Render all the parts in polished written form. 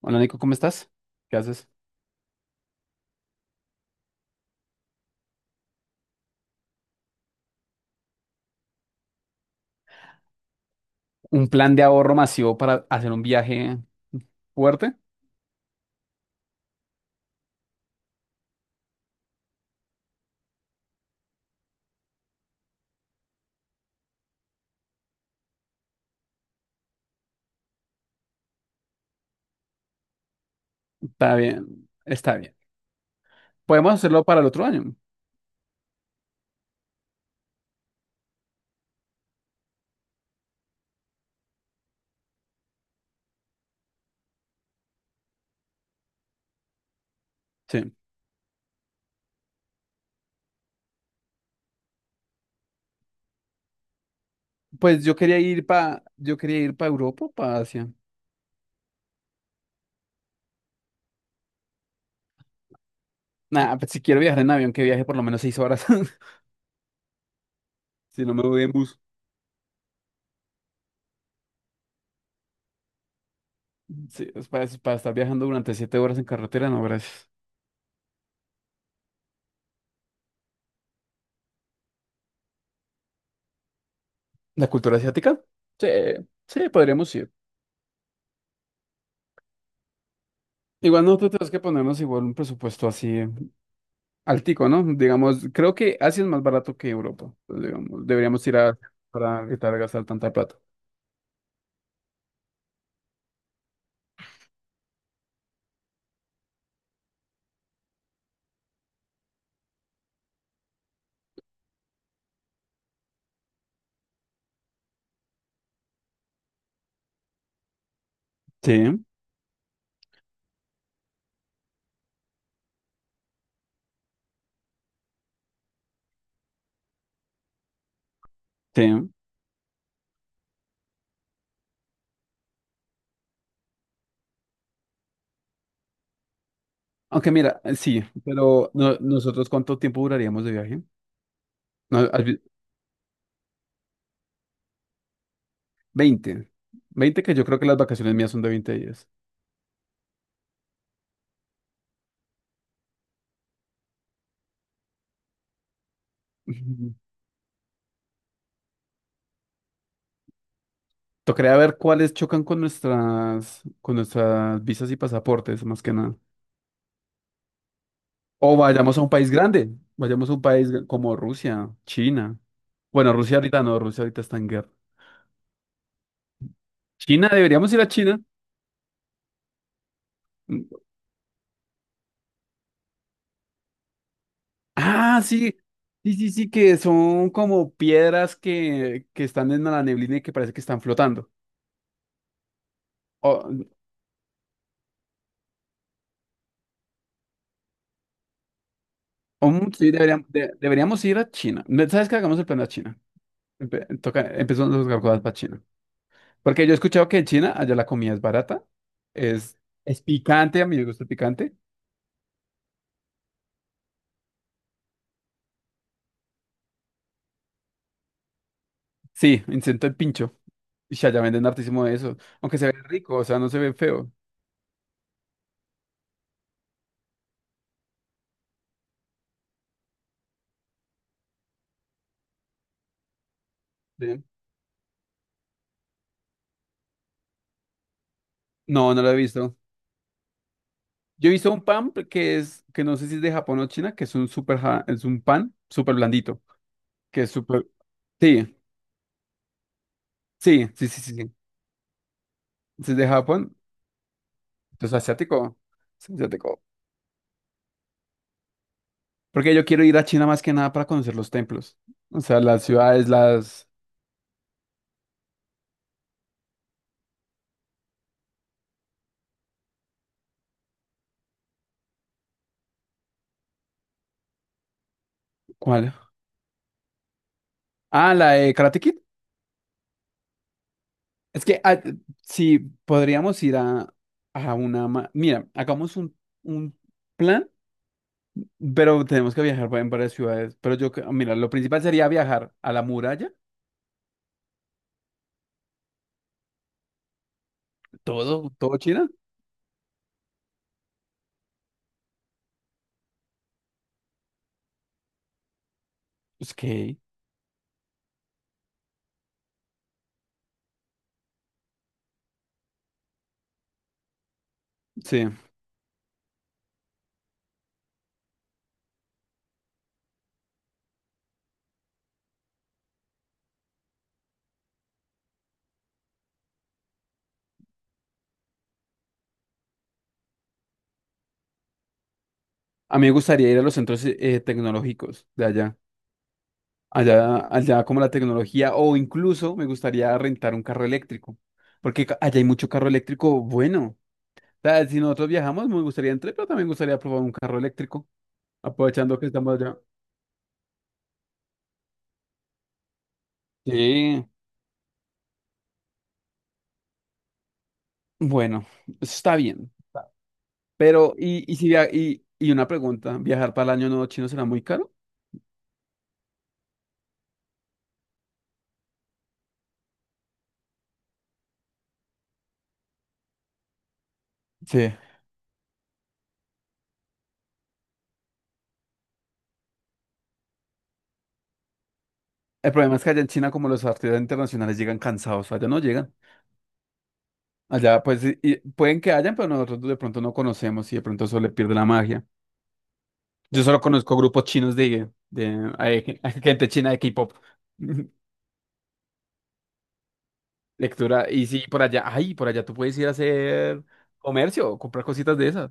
Hola Nico, ¿cómo estás? ¿Qué haces? Un plan de ahorro masivo para hacer un viaje fuerte. Está bien, está bien. Podemos hacerlo para el otro año. Sí. Pues yo quería ir para Europa, para Asia. Nada, pues si quiero viajar en avión, que viaje por lo menos seis horas. Si no me voy en bus. Sí, es para estar viajando durante siete horas en carretera, no, gracias. ¿La cultura asiática? Sí, sí, podríamos ir. Igual nosotros tenemos que ponernos igual un presupuesto así altico, ¿no? Digamos, creo que Asia es más barato que Europa. Entonces, digamos, deberíamos ir a Asia para evitar gastar tanta plata. Sí, sí. Aunque mira, sí, pero nosotros, ¿cuánto tiempo duraríamos de viaje? No, has vi- 20. 20, que yo creo que las vacaciones mías son de 20 días. Ujú. Tocaría ver cuáles chocan con con nuestras visas y pasaportes, más que nada. O vayamos a un país grande, vayamos a un país como Rusia, China. Bueno, Rusia ahorita no, Rusia ahorita está en guerra. China, deberíamos ir a China. Ah, sí, que son como piedras que están en la neblina y que parece que están flotando. O, sí, deberíamos ir a China. ¿Sabes qué? Hagamos el plan a China. Toca, empezamos los gargoyles para China. Porque yo he escuchado que en China allá la comida es barata, es, es picante, a mí me gusta el picante. Sí, intento el pincho. Y allá venden hartísimo de eso. Aunque se ve rico, o sea, no se ve feo. Sí. No, no lo he visto. Yo he visto un pan que no sé si es de Japón o China, que es un es un pan súper blandito, que es súper, sí, sí. Si es de Japón, entonces asiático, sí, asiático. Porque yo quiero ir a China más que nada para conocer los templos, o sea, las ciudades, ¿cuál? Ah, la de Karate Kid. Es que, ah, sí, podríamos ir mira, hagamos un plan, pero tenemos que viajar en varias ciudades, pero yo, mira, lo principal sería viajar a la muralla. ¿Todo? ¿Todo China? Ok, sí. A mí me gustaría ir a los centros tecnológicos de allá. Allá como la tecnología, o incluso me gustaría rentar un carro eléctrico, porque allá hay mucho carro eléctrico bueno. O sea, si nosotros viajamos, me gustaría entrar, pero también me gustaría probar un carro eléctrico, aprovechando que estamos allá. Sí, bueno, eso está bien. Pero, y si via- y una pregunta, ¿viajar para el año nuevo chino será muy caro? Sí. El problema es que allá en China, como los artistas internacionales llegan cansados, allá no llegan. Allá, pues, y pueden que hayan, pero nosotros de pronto no conocemos y de pronto eso le pierde la magia. Yo solo conozco grupos chinos hay gente china de K-pop. Lectura. Y sí, por allá, ay, por allá tú puedes ir a hacer comercio, comprar cositas de esas,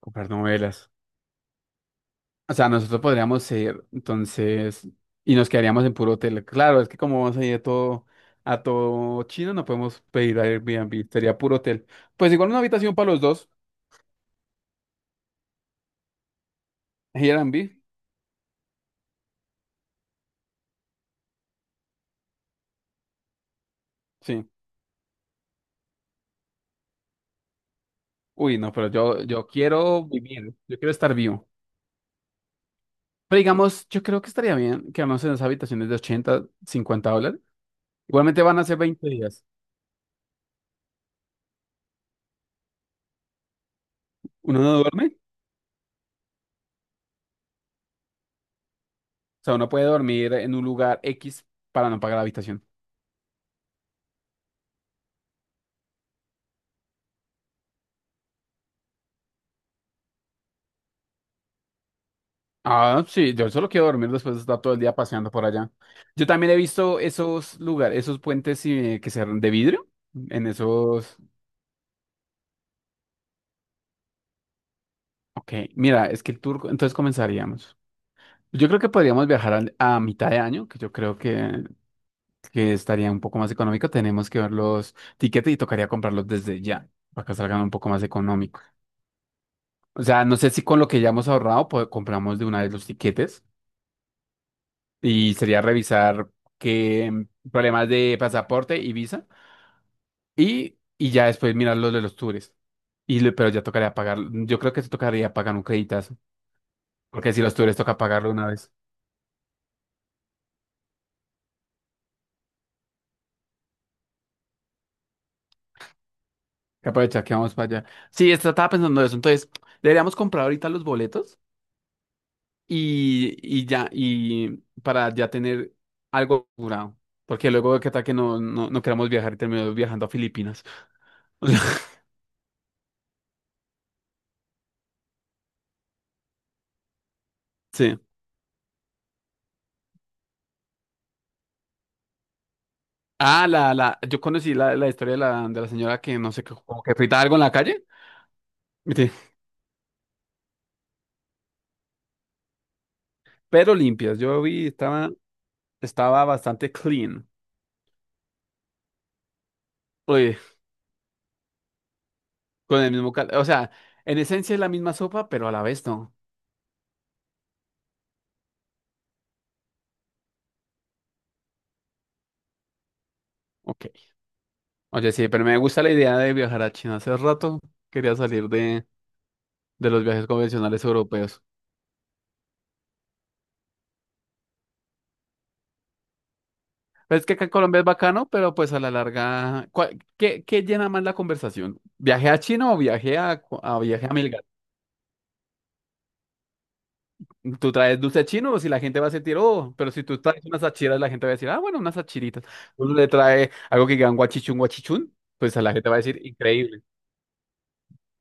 comprar novelas. O sea, nosotros podríamos ser entonces, y nos quedaríamos en puro hotel. Claro, es que como vamos a ir a todo chino, no podemos pedir Airbnb, sería puro hotel. Pues igual una habitación para los dos, Airbnb, sí. Uy, no, yo quiero vivir, yo quiero estar vivo. Pero digamos, yo creo que estaría bien quedarnos en esas habitaciones de 80 50 dólares. Igualmente van a ser 20 días. Uno no duerme, o sea, uno puede dormir en un lugar X para no pagar la habitación. Ah, sí, yo solo quiero dormir después de estar todo el día paseando por allá. Yo también he visto esos lugares, esos puentes que se de vidrio, en esos... Ok, mira, es que el tour, entonces comenzaríamos. Yo creo que podríamos viajar a mitad de año, que yo creo que estaría un poco más económico, tenemos que ver los tiquetes y tocaría comprarlos desde ya, para que salgan un poco más económicos. O sea, no sé si con lo que ya hemos ahorrado, pues compramos de una vez los tiquetes y sería revisar qué problemas de pasaporte y visa y ya después mirar los de los tours. Y, pero ya tocaría pagar, yo creo que se tocaría pagar un creditazo, porque si los tours toca pagarlo una vez. Que aprovechar que vamos para allá. Sí, esto estaba pensando eso, entonces, ¿deberíamos comprar ahorita los boletos? Y para ya tener algo curado. Porque luego, ¿qué tal que no queramos viajar y terminamos viajando a Filipinas? O sea, sí. Ah, yo conocí la historia de de la señora que no sé, qué, como que frita algo en la calle, sí, pero limpias. Yo vi, estaba, estaba bastante clean. Oye, con el mismo o sea, en esencia es la misma sopa, pero a la vez no. Ok. Oye, sí, pero me gusta la idea de viajar a China. Hace rato quería salir de los viajes convencionales europeos. Pues es que acá en Colombia es bacano, pero pues a la larga, qué, ¿qué llena más la conversación? ¿Viaje a China o viaje a viaje a Milgar? ¿Tú traes dulce chino o si la gente va a sentir, oh, pero si tú traes unas achiras, la gente va a decir, ah, bueno, unas achiritas. Uno le trae algo que digan guachichun, guachichun, pues a la gente va a decir, increíble.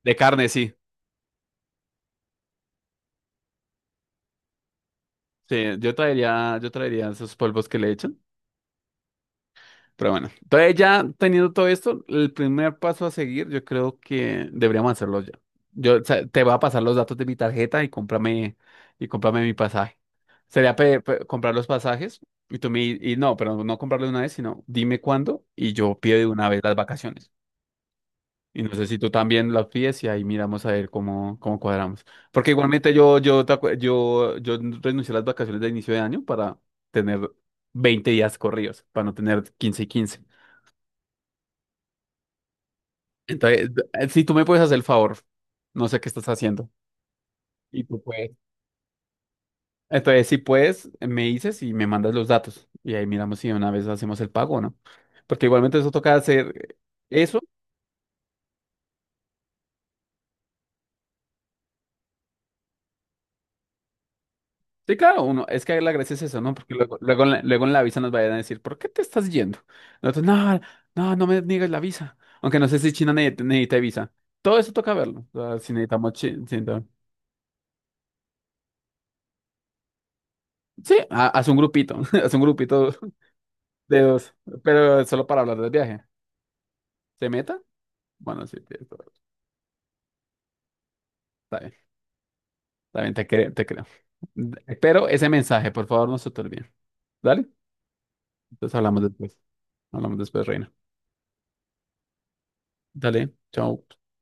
De carne, sí. Sí, yo traería esos polvos que le echan. Pero bueno, entonces ya teniendo todo esto, el primer paso a seguir, yo creo que deberíamos hacerlo ya. Yo, o sea, te voy a pasar los datos de mi tarjeta y y cómprame mi pasaje. Sería comprar los pasajes y no, pero no comprarlo de una vez, sino dime cuándo y yo pido de una vez las vacaciones. Y no sé si tú también las pides y ahí miramos a ver cómo, cómo cuadramos. Porque igualmente yo, yo, te acu- yo renuncié a las vacaciones de inicio de año para tener 20 días corridos, para no tener 15 y quince. Entonces, si tú me puedes hacer el favor, no sé qué estás haciendo. Y tú puedes. Entonces, si puedes, me dices y me mandas los datos. Y ahí miramos si de una vez hacemos el pago o no. Porque igualmente eso toca hacer eso. Sí, claro, uno, es que la gracia es eso, ¿no? Porque luego en la visa nos vayan a decir, ¿por qué te estás yendo? Nosotros, no me niegues la visa. Aunque no sé si China necesita visa. Todo eso toca verlo. O sea, si necesitamos si sí, haz un grupito, haz un grupito de dos, pero solo para hablar del viaje. ¿Se meta? Bueno, sí, tienes toda. Está bien, está bien, te creo, te creo. Pero ese mensaje, por favor, no se te olvide. Dale, entonces hablamos después. Hablamos después, Reina. Dale, chao.